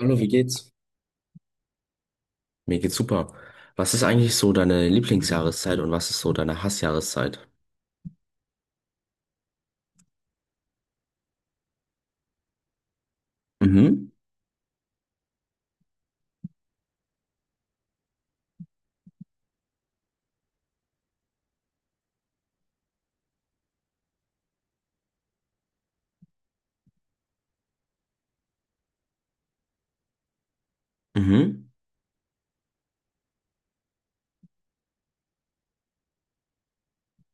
Hallo, wie geht's? Mir geht's super. Was ist eigentlich so deine Lieblingsjahreszeit und was ist so deine Hassjahreszeit? Mhm, mhm,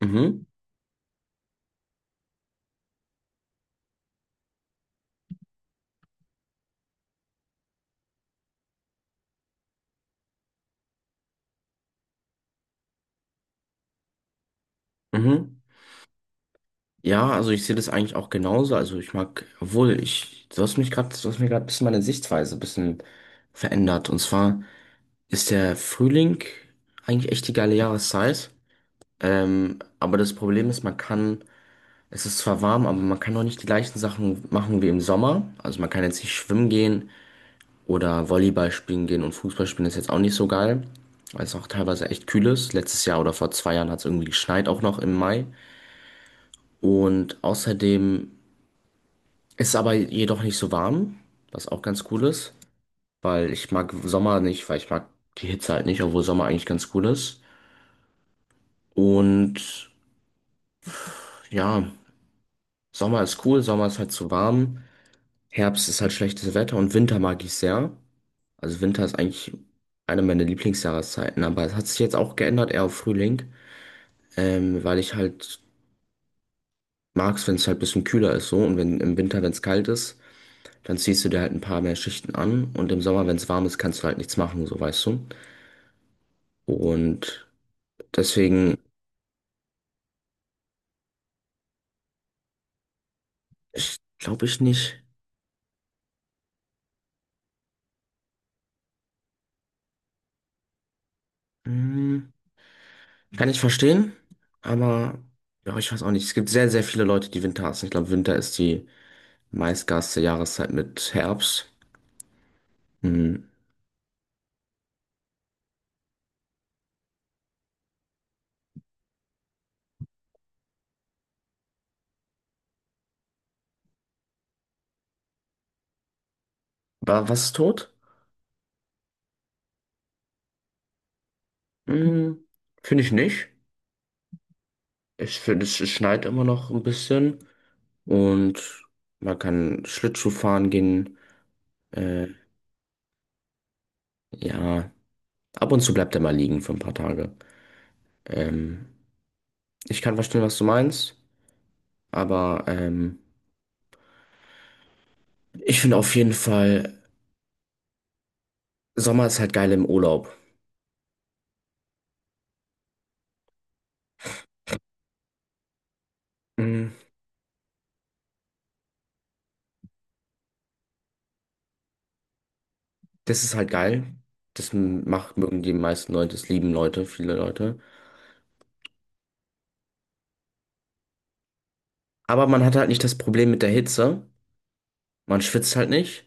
mhm, mhm. Ja, also ich sehe das eigentlich auch genauso. Also ich mag, obwohl ich, du hast mich gerade, du hast mir gerade ein bisschen meine Sichtweise ein bisschen verändert. Und zwar ist der Frühling eigentlich echt die geile Jahreszeit. Aber das Problem ist, man kann, es ist zwar warm, aber man kann auch nicht die gleichen Sachen machen wie im Sommer. Also man kann jetzt nicht schwimmen gehen. Oder Volleyball spielen gehen und Fußball spielen ist jetzt auch nicht so geil, weil es auch teilweise echt kühl ist. Letztes Jahr oder vor 2 Jahren hat es irgendwie geschneit, auch noch im Mai. Und außerdem ist es aber jedoch nicht so warm, was auch ganz cool ist, weil ich mag Sommer nicht, weil ich mag die Hitze halt nicht, obwohl Sommer eigentlich ganz cool ist. Und ja, Sommer ist cool, Sommer ist halt zu warm, Herbst ist halt schlechtes Wetter und Winter mag ich sehr. Also Winter ist eigentlich eine meiner Lieblingsjahreszeiten, aber es hat sich jetzt auch geändert, eher auf Frühling. Weil ich halt mag's, wenn es halt ein bisschen kühler ist so und wenn im Winter, wenn es kalt ist, dann ziehst du dir halt ein paar mehr Schichten an und im Sommer, wenn es warm ist, kannst du halt nichts machen, so weißt du. Und deswegen, ich glaube ich nicht. Hm, kann ich verstehen, aber ja, ich weiß auch nicht. Es gibt sehr, sehr viele Leute, die Winter hassen. Ich glaube, Winter ist die meistgehasste Jahreszeit mit Herbst. Hm. Was ist tot? Hm, finde ich nicht. Ich finde, es schneit immer noch ein bisschen. Und man kann Schlittschuh fahren gehen. Äh, ja, ab und zu bleibt er mal liegen für ein paar Tage. Ähm, Ich kann verstehen, was du meinst, aber ich finde auf jeden Fall, Sommer ist halt geil im Urlaub. Mm. Das ist halt geil. Mögen die meisten Leute, das lieben Leute, viele Leute. Aber man hat halt nicht das Problem mit der Hitze. Man schwitzt halt nicht.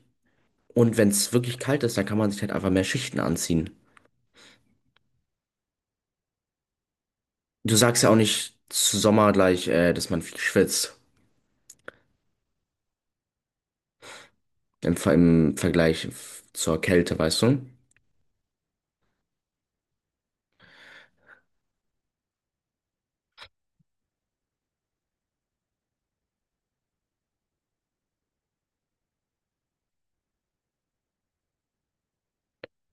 Und wenn es wirklich kalt ist, dann kann man sich halt einfach mehr Schichten anziehen. Du sagst ja auch nicht zu Sommer gleich, dass man viel schwitzt. Im Vergleich zur Kälte, weißt du?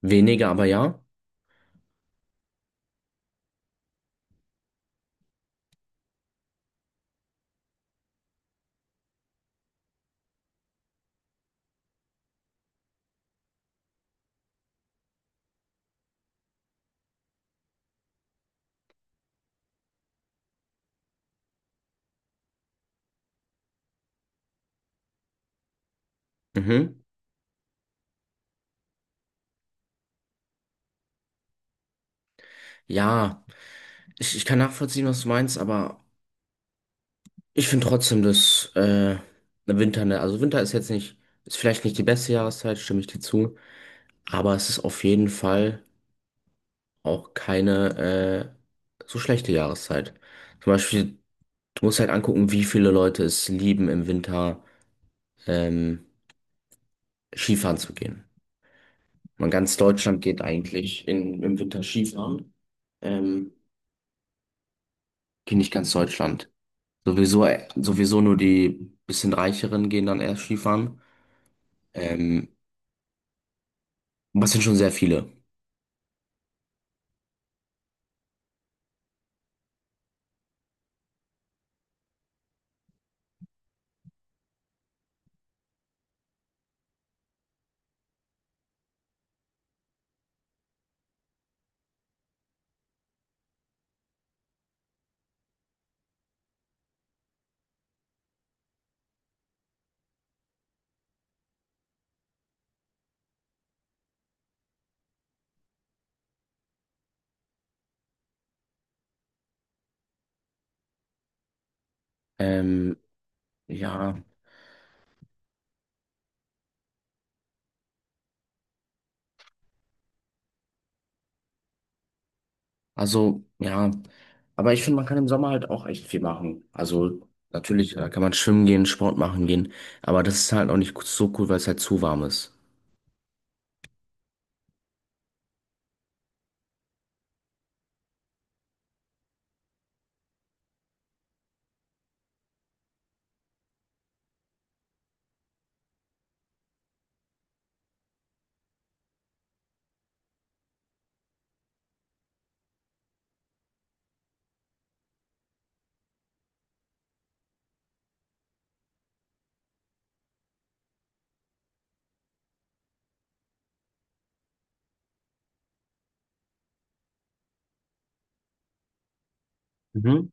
Weniger, aber ja. Mhm. Ja, ich kann nachvollziehen, was du meinst, aber ich finde trotzdem, dass der Winter, ne, also Winter ist jetzt nicht, ist vielleicht nicht die beste Jahreszeit, stimme ich dir zu, aber es ist auf jeden Fall auch keine so schlechte Jahreszeit. Zum Beispiel, du musst halt angucken, wie viele Leute es lieben, im Winter ähm, Skifahren zu gehen. Man ganz Deutschland geht eigentlich im Winter Skifahren. Ähm, Geht nicht ganz Deutschland. Sowieso, sowieso nur die bisschen Reicheren gehen dann erst Skifahren. Ähm, Was sind schon sehr viele. Ähm, ja, ja. Aber ich finde, man kann im Sommer halt auch echt viel machen. Also, natürlich, da kann man schwimmen gehen, Sport machen gehen. Aber das ist halt auch nicht so cool, weil es halt zu warm ist. Mhm.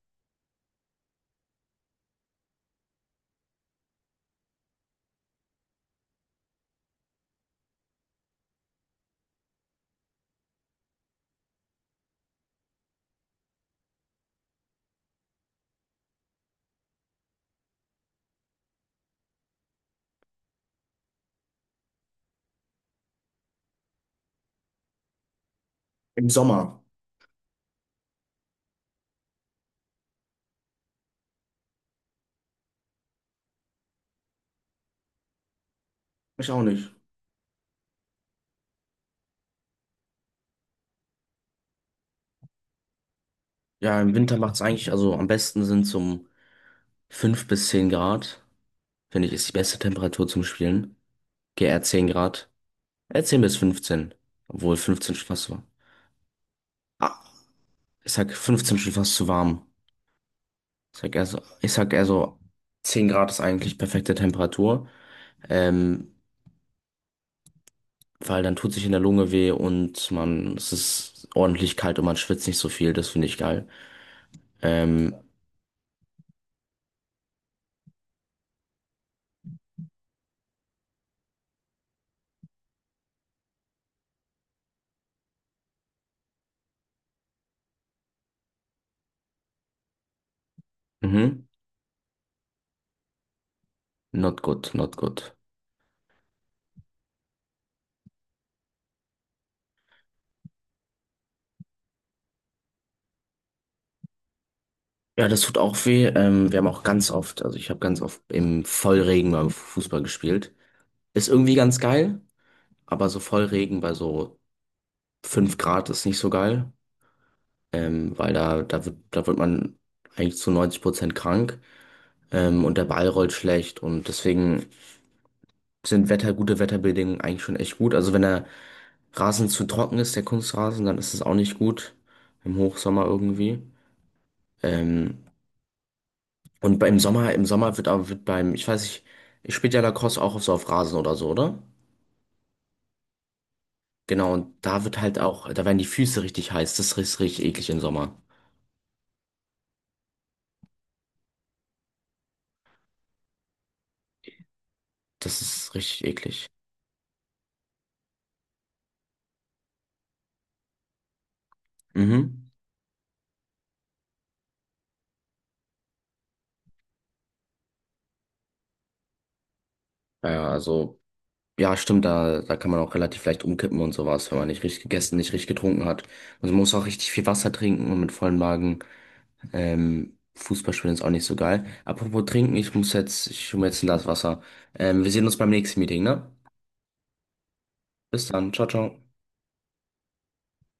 Im Sommer. Ich auch nicht. Ja, im Winter macht es eigentlich, also am besten sind zum 5 bis 10 Grad, finde ich, ist die beste Temperatur zum Spielen. Geh eher 10 Grad. Eher 10 bis fünfzehn, obwohl 15 schon fast so. Ah, ich sag 15 schon fast zu warm. Ich sag eher so, ich sag eher so 10 Grad ist eigentlich perfekte Temperatur. Ähm, Weil dann tut sich in der Lunge weh und man, es ist ordentlich kalt und man schwitzt nicht so viel. Das finde ich geil. Ähm, mhm. Not good, not good. Ja, das tut auch weh. Wir haben auch ganz oft, also ich habe ganz oft im Vollregen beim Fußball gespielt. Ist irgendwie ganz geil, aber so Vollregen bei so 5 Grad ist nicht so geil, weil da wird man eigentlich zu 90% krank, und der Ball rollt schlecht und deswegen sind Wetter, gute Wetterbedingungen eigentlich schon echt gut. Also wenn der Rasen zu trocken ist, der Kunstrasen, dann ist es auch nicht gut im Hochsommer irgendwie. Ähm, und beim Sommer, im Sommer wird aber wird beim, ich weiß nicht, ich spiele ja Lacrosse auch auf so auf Rasen oder so, oder? Genau, und da wird halt auch, da werden die Füße richtig heiß. Das ist richtig eklig im Sommer. Das ist richtig eklig. Mhm. Ja, stimmt, da kann man auch relativ leicht umkippen und sowas, wenn man nicht richtig gegessen, nicht richtig getrunken hat. Und man muss auch richtig viel Wasser trinken und mit vollem Magen, Fußball spielen ist auch nicht so geil. Apropos trinken, ich hole mir jetzt ein Glas Wasser. Wir sehen uns beim nächsten Meeting, ne? Bis dann, ciao, ciao.